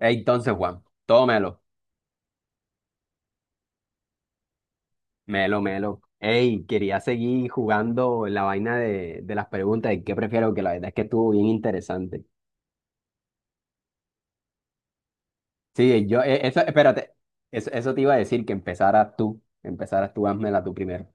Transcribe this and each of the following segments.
Ey, entonces, Juan, tómelo, melo, melo. Ey, quería seguir jugando la vaina de las preguntas de qué prefiero, que la verdad es que estuvo bien interesante. Sí, yo, eso, espérate, eso te iba a decir, que empezaras tú, házmela tú primero.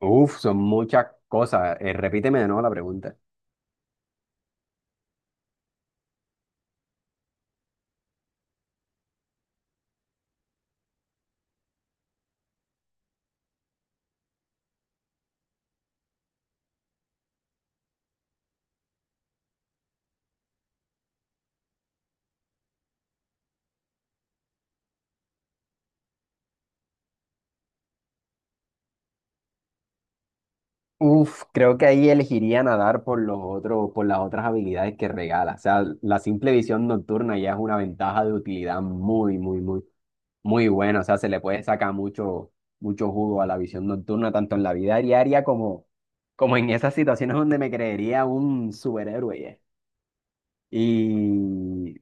Uf, son muchas cosas. Repíteme de nuevo la pregunta. Uf, creo que ahí elegiría nadar por los otros, por las otras habilidades que regala. O sea, la simple visión nocturna ya es una ventaja de utilidad muy, muy, muy, muy bueno. O sea, se le puede sacar mucho, mucho jugo a la visión nocturna, tanto en la vida diaria como, como en esas situaciones donde me creería un superhéroe. Ya. Y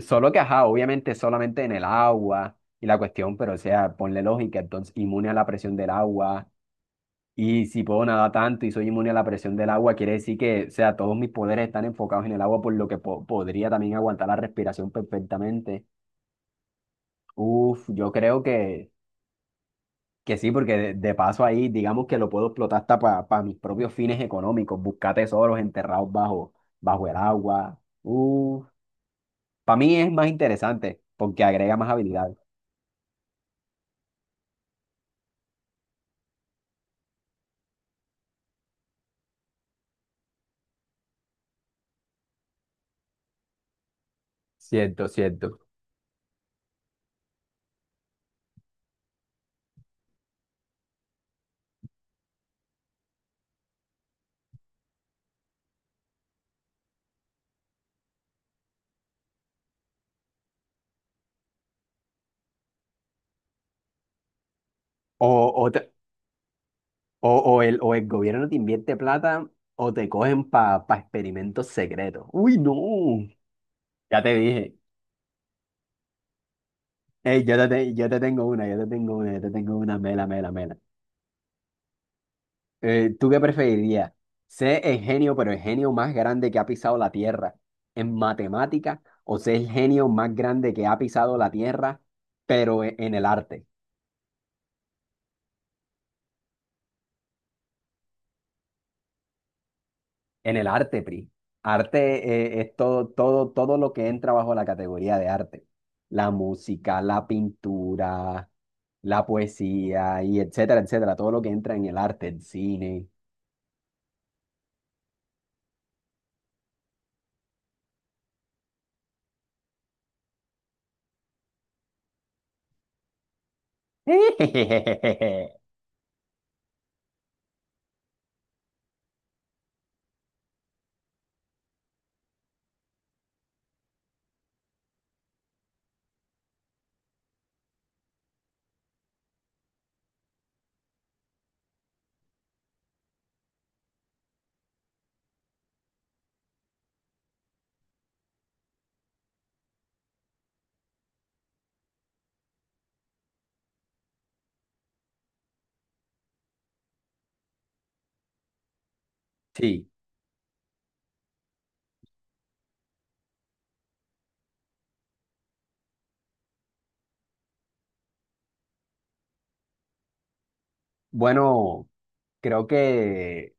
solo que, ajá, obviamente solamente en el agua y la cuestión, pero o sea, ponle lógica, entonces inmune a la presión del agua. Y si puedo nadar tanto y soy inmune a la presión del agua, quiere decir que, o sea, todos mis poderes están enfocados en el agua, por lo que podría también aguantar la respiración perfectamente. Uf, yo creo que sí, porque de paso ahí, digamos que lo puedo explotar hasta para mis propios fines económicos, buscar tesoros enterrados bajo el agua. Para mí es más interesante porque agrega más habilidad. Cierto, cierto. O, o, te- o el gobierno te invierte plata o te cogen para experimentos secretos. Uy, no. Ya te dije. Ey, yo te tengo una, mela, mela, mela. ¿Tú qué preferirías? ¿Ser el genio, pero el genio más grande que ha pisado la Tierra en matemática, o ser el genio más grande que ha pisado la Tierra, pero en el arte? En el arte, Pri. Arte, es todo, todo, todo lo que entra bajo la categoría de arte. La música, la pintura, la poesía y etcétera, etcétera. Todo lo que entra en el arte, el cine. Sí. Bueno, creo que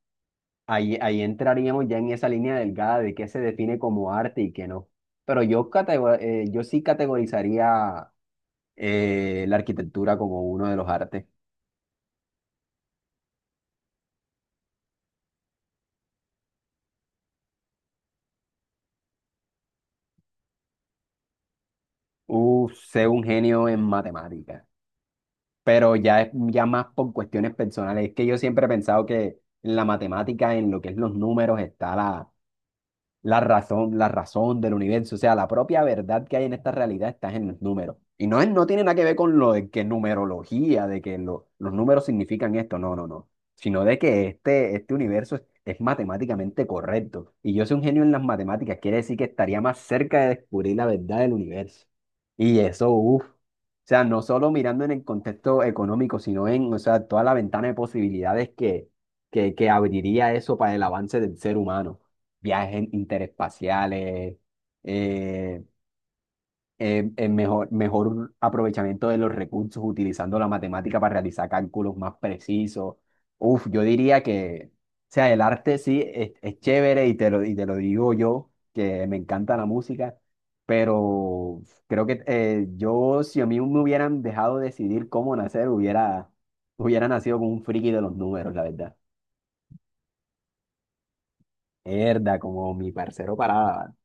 ahí, ahí entraríamos ya en esa línea delgada de qué se define como arte y qué no. Pero yo sí categorizaría, la arquitectura como uno de los artes. Sé un genio en matemáticas, pero ya es ya más por cuestiones personales. Es que yo siempre he pensado que en la matemática, en lo que es los números, está la la razón del universo, o sea, la propia verdad que hay en esta realidad está en los números. Y no, no tiene nada que ver con lo de que numerología, de que los números significan esto, no, no, no, sino de que este universo es matemáticamente correcto. Y yo soy un genio en las matemáticas, quiere decir que estaría más cerca de descubrir la verdad del universo. Y eso, uff. O sea, no solo mirando en el contexto económico, sino en, o sea, toda la ventana de posibilidades que abriría eso para el avance del ser humano, viajes interespaciales, eh, mejor aprovechamiento de los recursos utilizando la matemática para realizar cálculos más precisos. Uf, yo diría que, o sea, el arte sí es chévere, y te lo digo yo, que me encanta la música, pero creo que yo, si a mí me hubieran dejado decidir cómo nacer, hubiera nacido con un friki de los números, la verdad. Herda, como mi parcero Parada.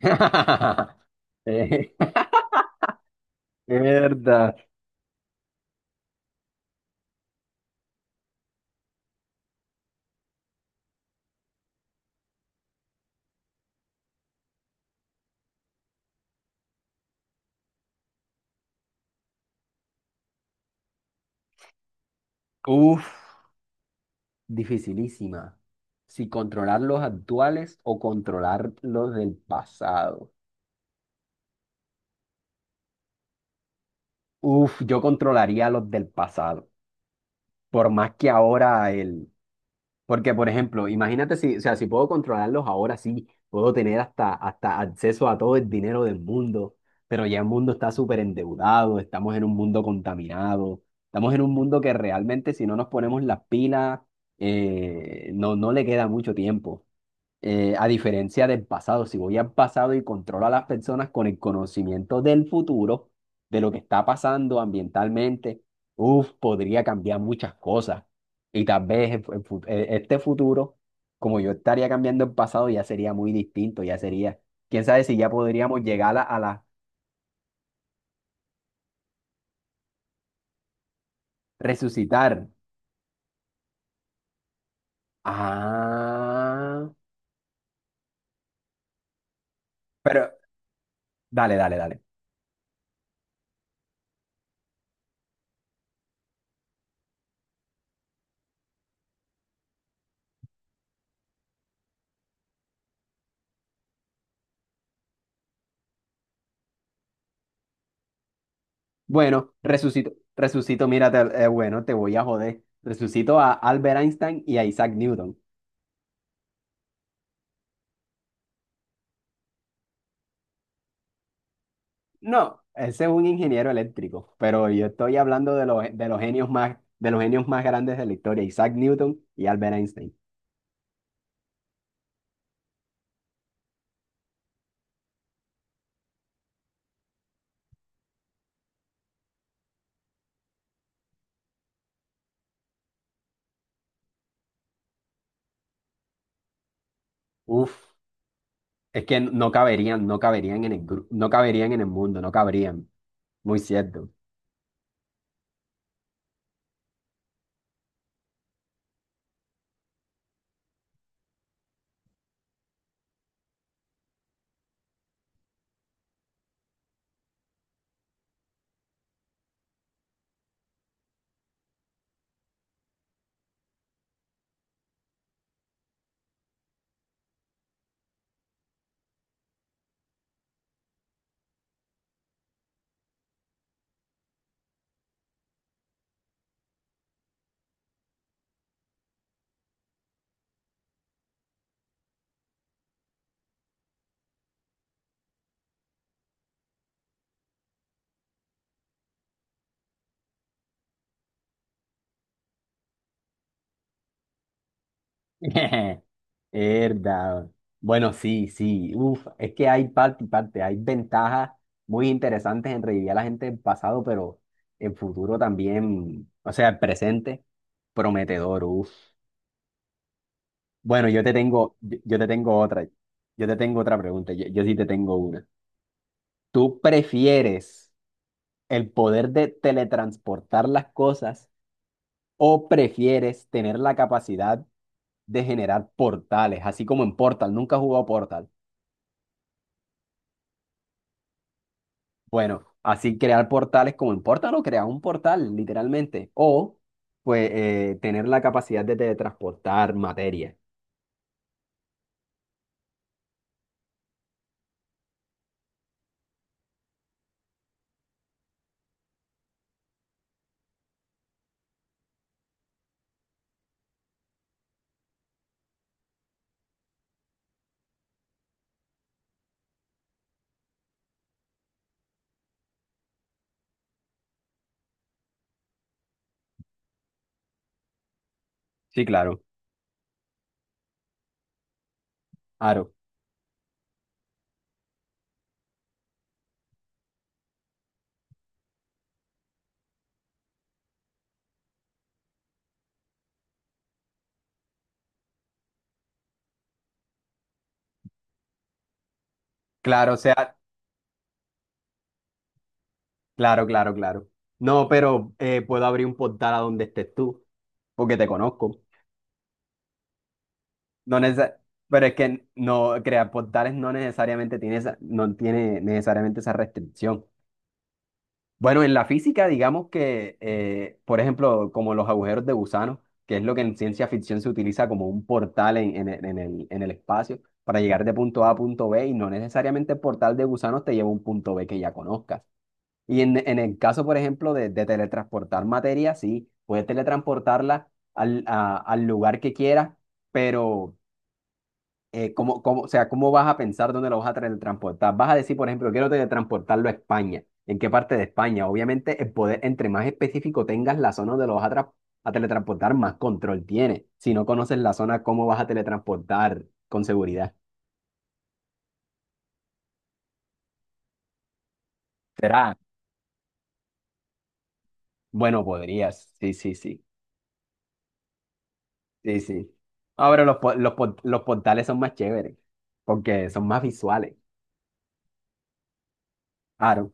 Eh, Verdad. Uf, dificilísima. Si controlar los actuales o controlar los del pasado. Uf, yo controlaría los del pasado. Por más que ahora el, porque, por ejemplo, imagínate si, o sea, si puedo controlarlos ahora sí, puedo tener hasta, hasta acceso a todo el dinero del mundo, pero ya el mundo está súper endeudado, estamos en un mundo contaminado, estamos en un mundo que realmente si no nos ponemos las pilas, no, no le queda mucho tiempo. A diferencia del pasado, si voy al pasado y controlo a las personas con el conocimiento del futuro, de lo que está pasando ambientalmente, uf, podría cambiar muchas cosas. Y tal vez el este futuro, como yo estaría cambiando el pasado, ya sería muy distinto, ya sería, quién sabe si ya podríamos llegar a la resucitar. Ah, pero dale, dale, dale. Bueno, mira, bueno, te voy a joder. Resucito a Albert Einstein y a Isaac Newton. No, ese es un ingeniero eléctrico, pero yo estoy hablando de los, de los genios más grandes de la historia, Isaac Newton y Albert Einstein. Uf, es que no caberían, no caberían en el, no caberían en el mundo, no caberían. Muy cierto. Verdad. Bueno, sí, sí. Uf, es que hay parte y parte, hay ventajas muy interesantes en revivir a la gente del pasado, pero el futuro también, o sea, el presente, prometedor, uf. Bueno, yo te tengo otra pregunta, yo sí te tengo una. ¿Tú prefieres el poder de teletransportar las cosas, o prefieres tener la capacidad de generar portales, así como en Portal? Nunca has jugado Portal. Bueno, así crear portales como en Portal, o crear un portal, literalmente. O, pues, tener la capacidad de teletransportar materia. Sí, claro. Claro, claro, o sea, claro, claro, claro. No, pero puedo abrir un portal a donde estés tú, porque te conozco. No neces- Pero es que no, crear portales no necesariamente tiene no tiene necesariamente esa restricción. Bueno, en la física, digamos que, por ejemplo, como los agujeros de gusano, que es lo que en ciencia ficción se utiliza como un portal en, en el espacio, para llegar de punto A a punto B, y no necesariamente el portal de gusanos te lleva a un punto B que ya conozcas. Y en el caso, por ejemplo, de teletransportar materia, sí, puedes teletransportarla al lugar que quieras, pero o sea, ¿cómo vas a pensar dónde lo vas a teletransportar? Vas a decir, por ejemplo, quiero teletransportarlo a España. ¿En qué parte de España? Obviamente, el poder, entre más específico tengas la zona donde lo vas a, a teletransportar, más control tiene. Si no conoces la zona, ¿cómo vas a teletransportar con seguridad? ¿Será? Bueno, podrías. Sí, sí, sí. Sí, sí. Ahora los, los portales son más chéveres, porque son más visuales. Claro.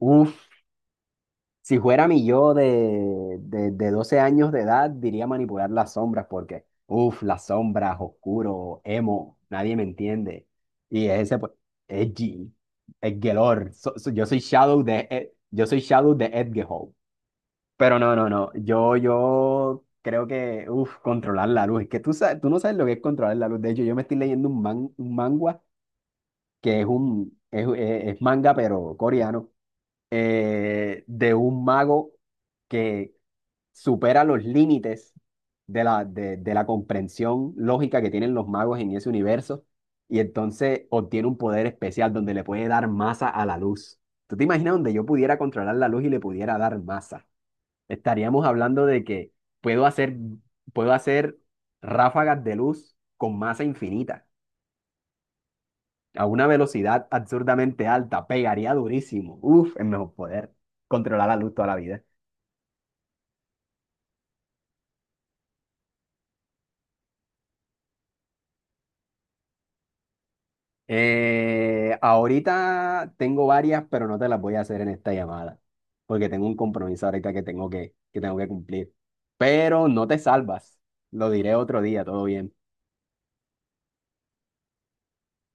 Uf. Si fuera mi yo de, de 12 años de edad, diría manipular las sombras porque, uff, las sombras, oscuro, emo, nadie me entiende. Y ese, pues, edgy, Edgelord. Yo soy Shadow de, yo soy Shadow de Edgehow. Pero no, no, no, yo creo que, uff, controlar la luz. Es que tú, sabes, tú no sabes lo que es controlar la luz. De hecho, yo me estoy leyendo un, un manga que es manga, pero coreano, de un mago que supera los límites de la comprensión lógica que tienen los magos en ese universo, y entonces obtiene un poder especial donde le puede dar masa a la luz. ¿Tú te imaginas donde yo pudiera controlar la luz y le pudiera dar masa? Estaríamos hablando de que puedo hacer, puedo hacer ráfagas de luz con masa infinita. A una velocidad absurdamente alta, pegaría durísimo. Uf, es mejor poder controlar la luz toda la vida. Ahorita tengo varias, pero no te las voy a hacer en esta llamada, porque tengo un compromiso ahorita que tengo que tengo que cumplir. Pero no te salvas, lo diré otro día, todo bien.